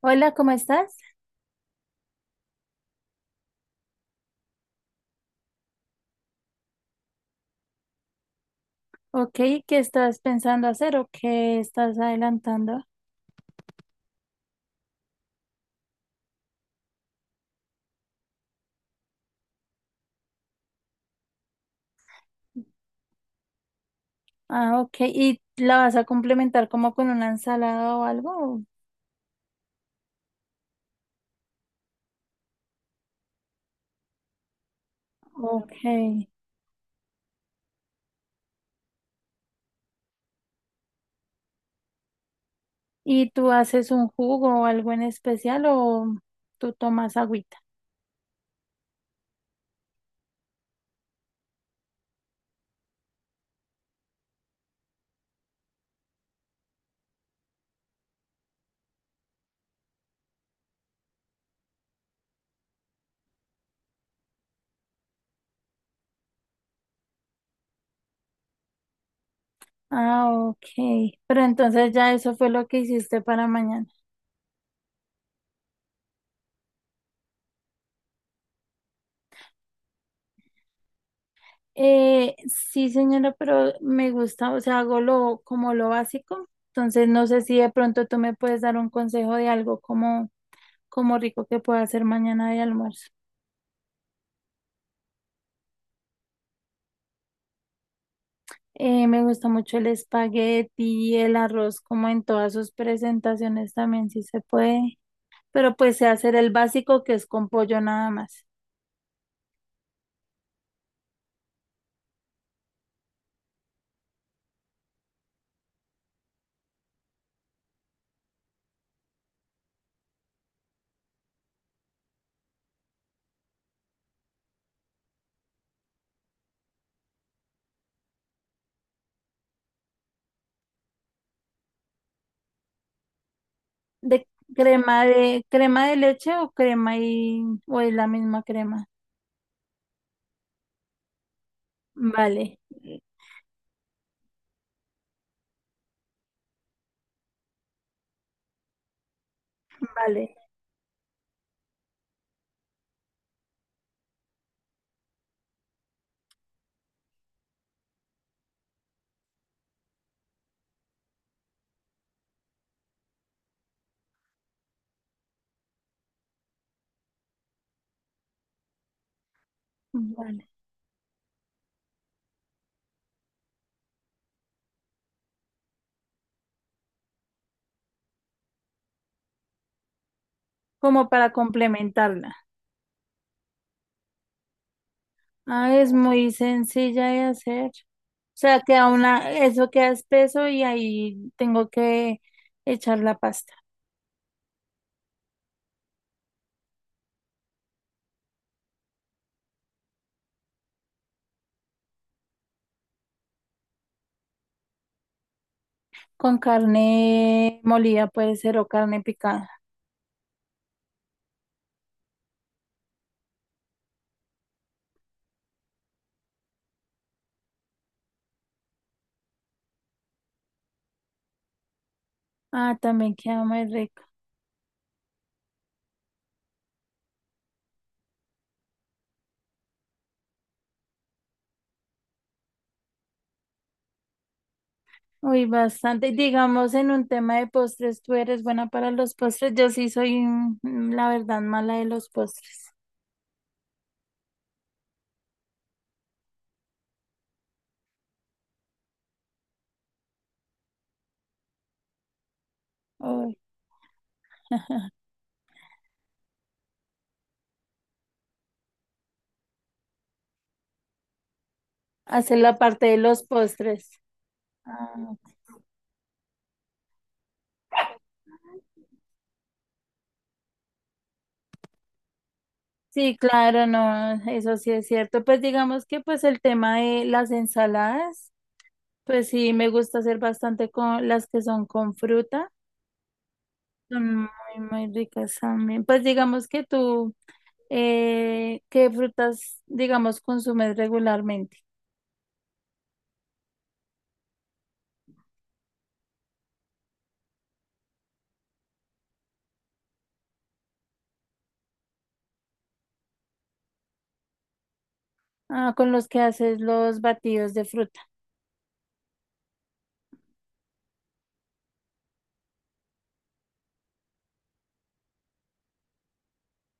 Hola, ¿cómo estás? Ok, ¿qué estás pensando hacer o qué estás adelantando? Ah, ok, ¿y la vas a complementar como con una ensalada o algo? Ok, ¿y tú haces un jugo o algo en especial o tú tomas agüita? Ah, ok, pero entonces ya eso fue lo que hiciste para mañana. Sí, señora, pero me gusta, o sea, hago lo básico, entonces no sé si de pronto tú me puedes dar un consejo de algo como rico que pueda hacer mañana de almuerzo. Me gusta mucho el espagueti, el arroz, como en todas sus presentaciones también, si se puede. Pero pues sé hacer el básico que es con pollo nada más. ¿De crema de leche o crema y o es la misma crema? Vale, vale, vale. Como para complementarla. Ah, es muy sencilla de hacer. O sea, queda una, eso queda espeso y ahí tengo que echar la pasta. Con carne molida puede ser o carne picada. Ah, también queda muy rico. Uy, bastante. Digamos, en un tema de postres, ¿tú eres buena para los postres? Yo sí soy, la verdad, mala de los postres. Uy, hacer la parte de los postres. Ah, sí, claro, no, eso sí es cierto. Pues digamos que pues el tema de las ensaladas, pues sí, me gusta hacer bastante con las que son con fruta. Son muy, muy ricas también. Pues digamos que tú… ¿Qué frutas, digamos, consumes regularmente? Ah, con los que haces los batidos de fruta.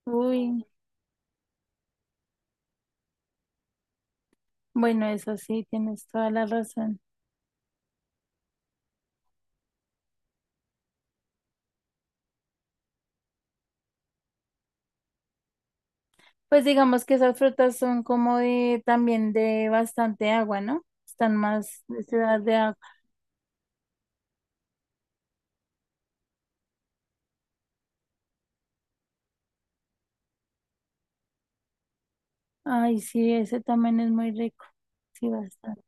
Uy, bueno, eso sí, tienes toda la razón. Pues digamos que esas frutas son como de también de bastante agua, ¿no? Están más de ciudad de agua. Ay, sí, ese también es muy rico. Sí, bastante.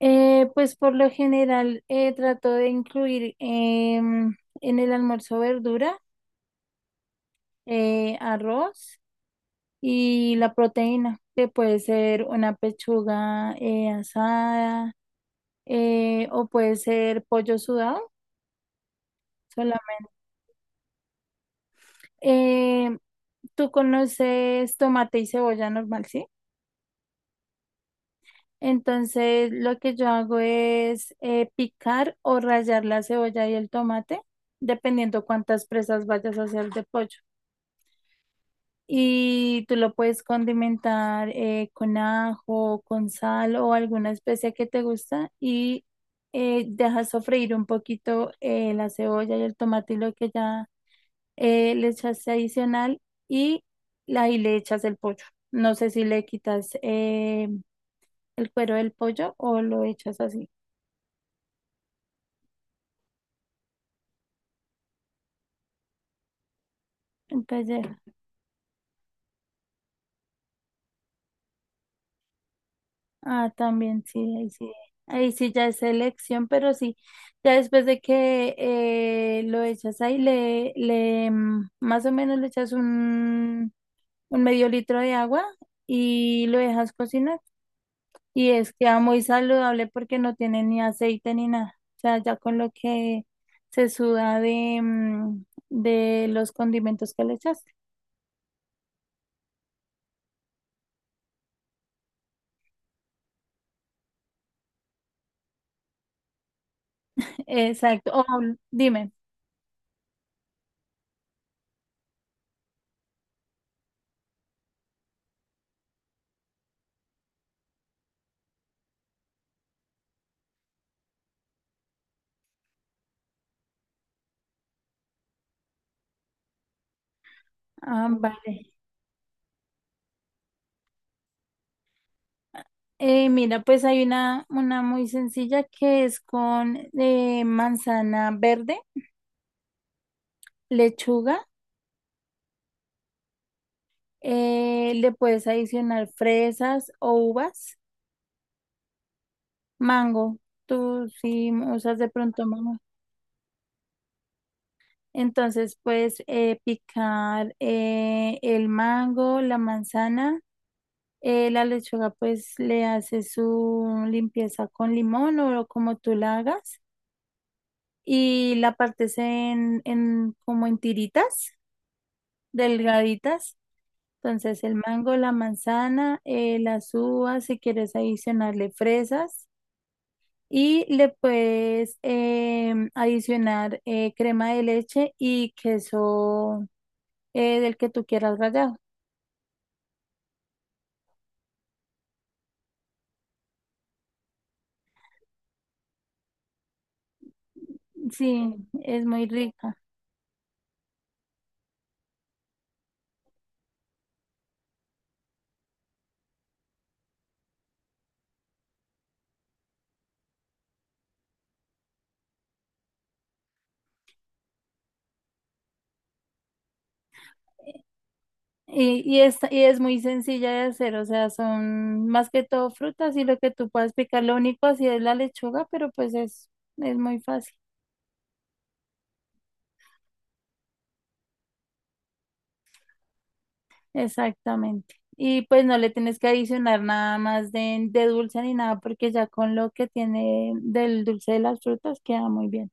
Pues por lo general trato de incluir en el almuerzo verdura, arroz, y la proteína, que puede ser una pechuga asada o puede ser pollo sudado solamente. Eh, tú conoces tomate y cebolla normal, ¿sí? Entonces lo que yo hago es picar o rallar la cebolla y el tomate, dependiendo cuántas presas vayas a hacer de pollo. Y tú lo puedes condimentar con ajo, con sal o alguna especia que te gusta y dejas sofreír un poquito la cebolla y el tomate y lo que ya le echaste adicional y ahí le echas el pollo. No sé si le quitas el cuero del pollo o lo echas así en pellejo. Ah, también sí, ahí sí, ahí sí ya es elección, pero sí, ya después de que lo echas ahí, más o menos le echas un medio litro de agua y lo dejas cocinar. Y es queda muy saludable porque no tiene ni aceite ni nada. O sea, ya con lo que se suda de, de los condimentos que le echaste. Exacto. Oh, dime. Ah, vale. Mira, pues hay una muy sencilla que es con manzana verde, lechuga, le puedes adicionar fresas o uvas, mango. Tú si usas de pronto mango. Entonces puedes picar el mango, la manzana, la lechuga pues le haces su limpieza con limón o como tú la hagas y la partes en como en tiritas delgaditas. Entonces el mango, la manzana, las uvas, si quieres adicionarle fresas, y le puedes adicionar crema de leche y queso del que tú quieras rallado. Sí, es muy rica. Y es muy sencilla de hacer, o sea, son más que todo frutas y lo que tú puedas picar, lo único así es la lechuga, pero pues es muy fácil. Exactamente. Y pues no le tienes que adicionar nada más de dulce ni nada, porque ya con lo que tiene del dulce de las frutas queda muy bien.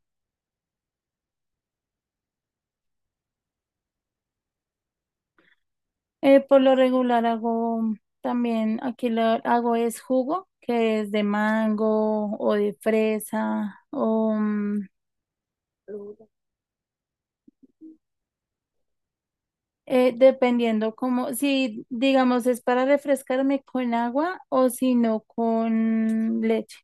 Por lo regular hago también, aquí lo hago es jugo, que es de mango o de fresa o dependiendo como, si digamos es para refrescarme con agua o si no con leche.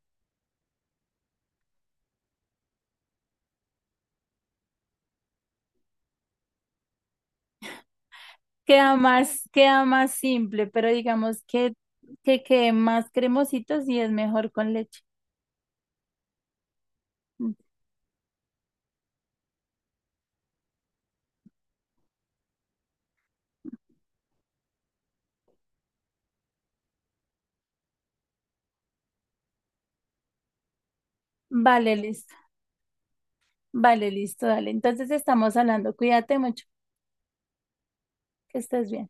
Queda más simple, pero digamos que quede más cremosito si es mejor con leche. Vale, listo. Vale, listo, dale. Entonces estamos hablando. Cuídate mucho, que estés bien.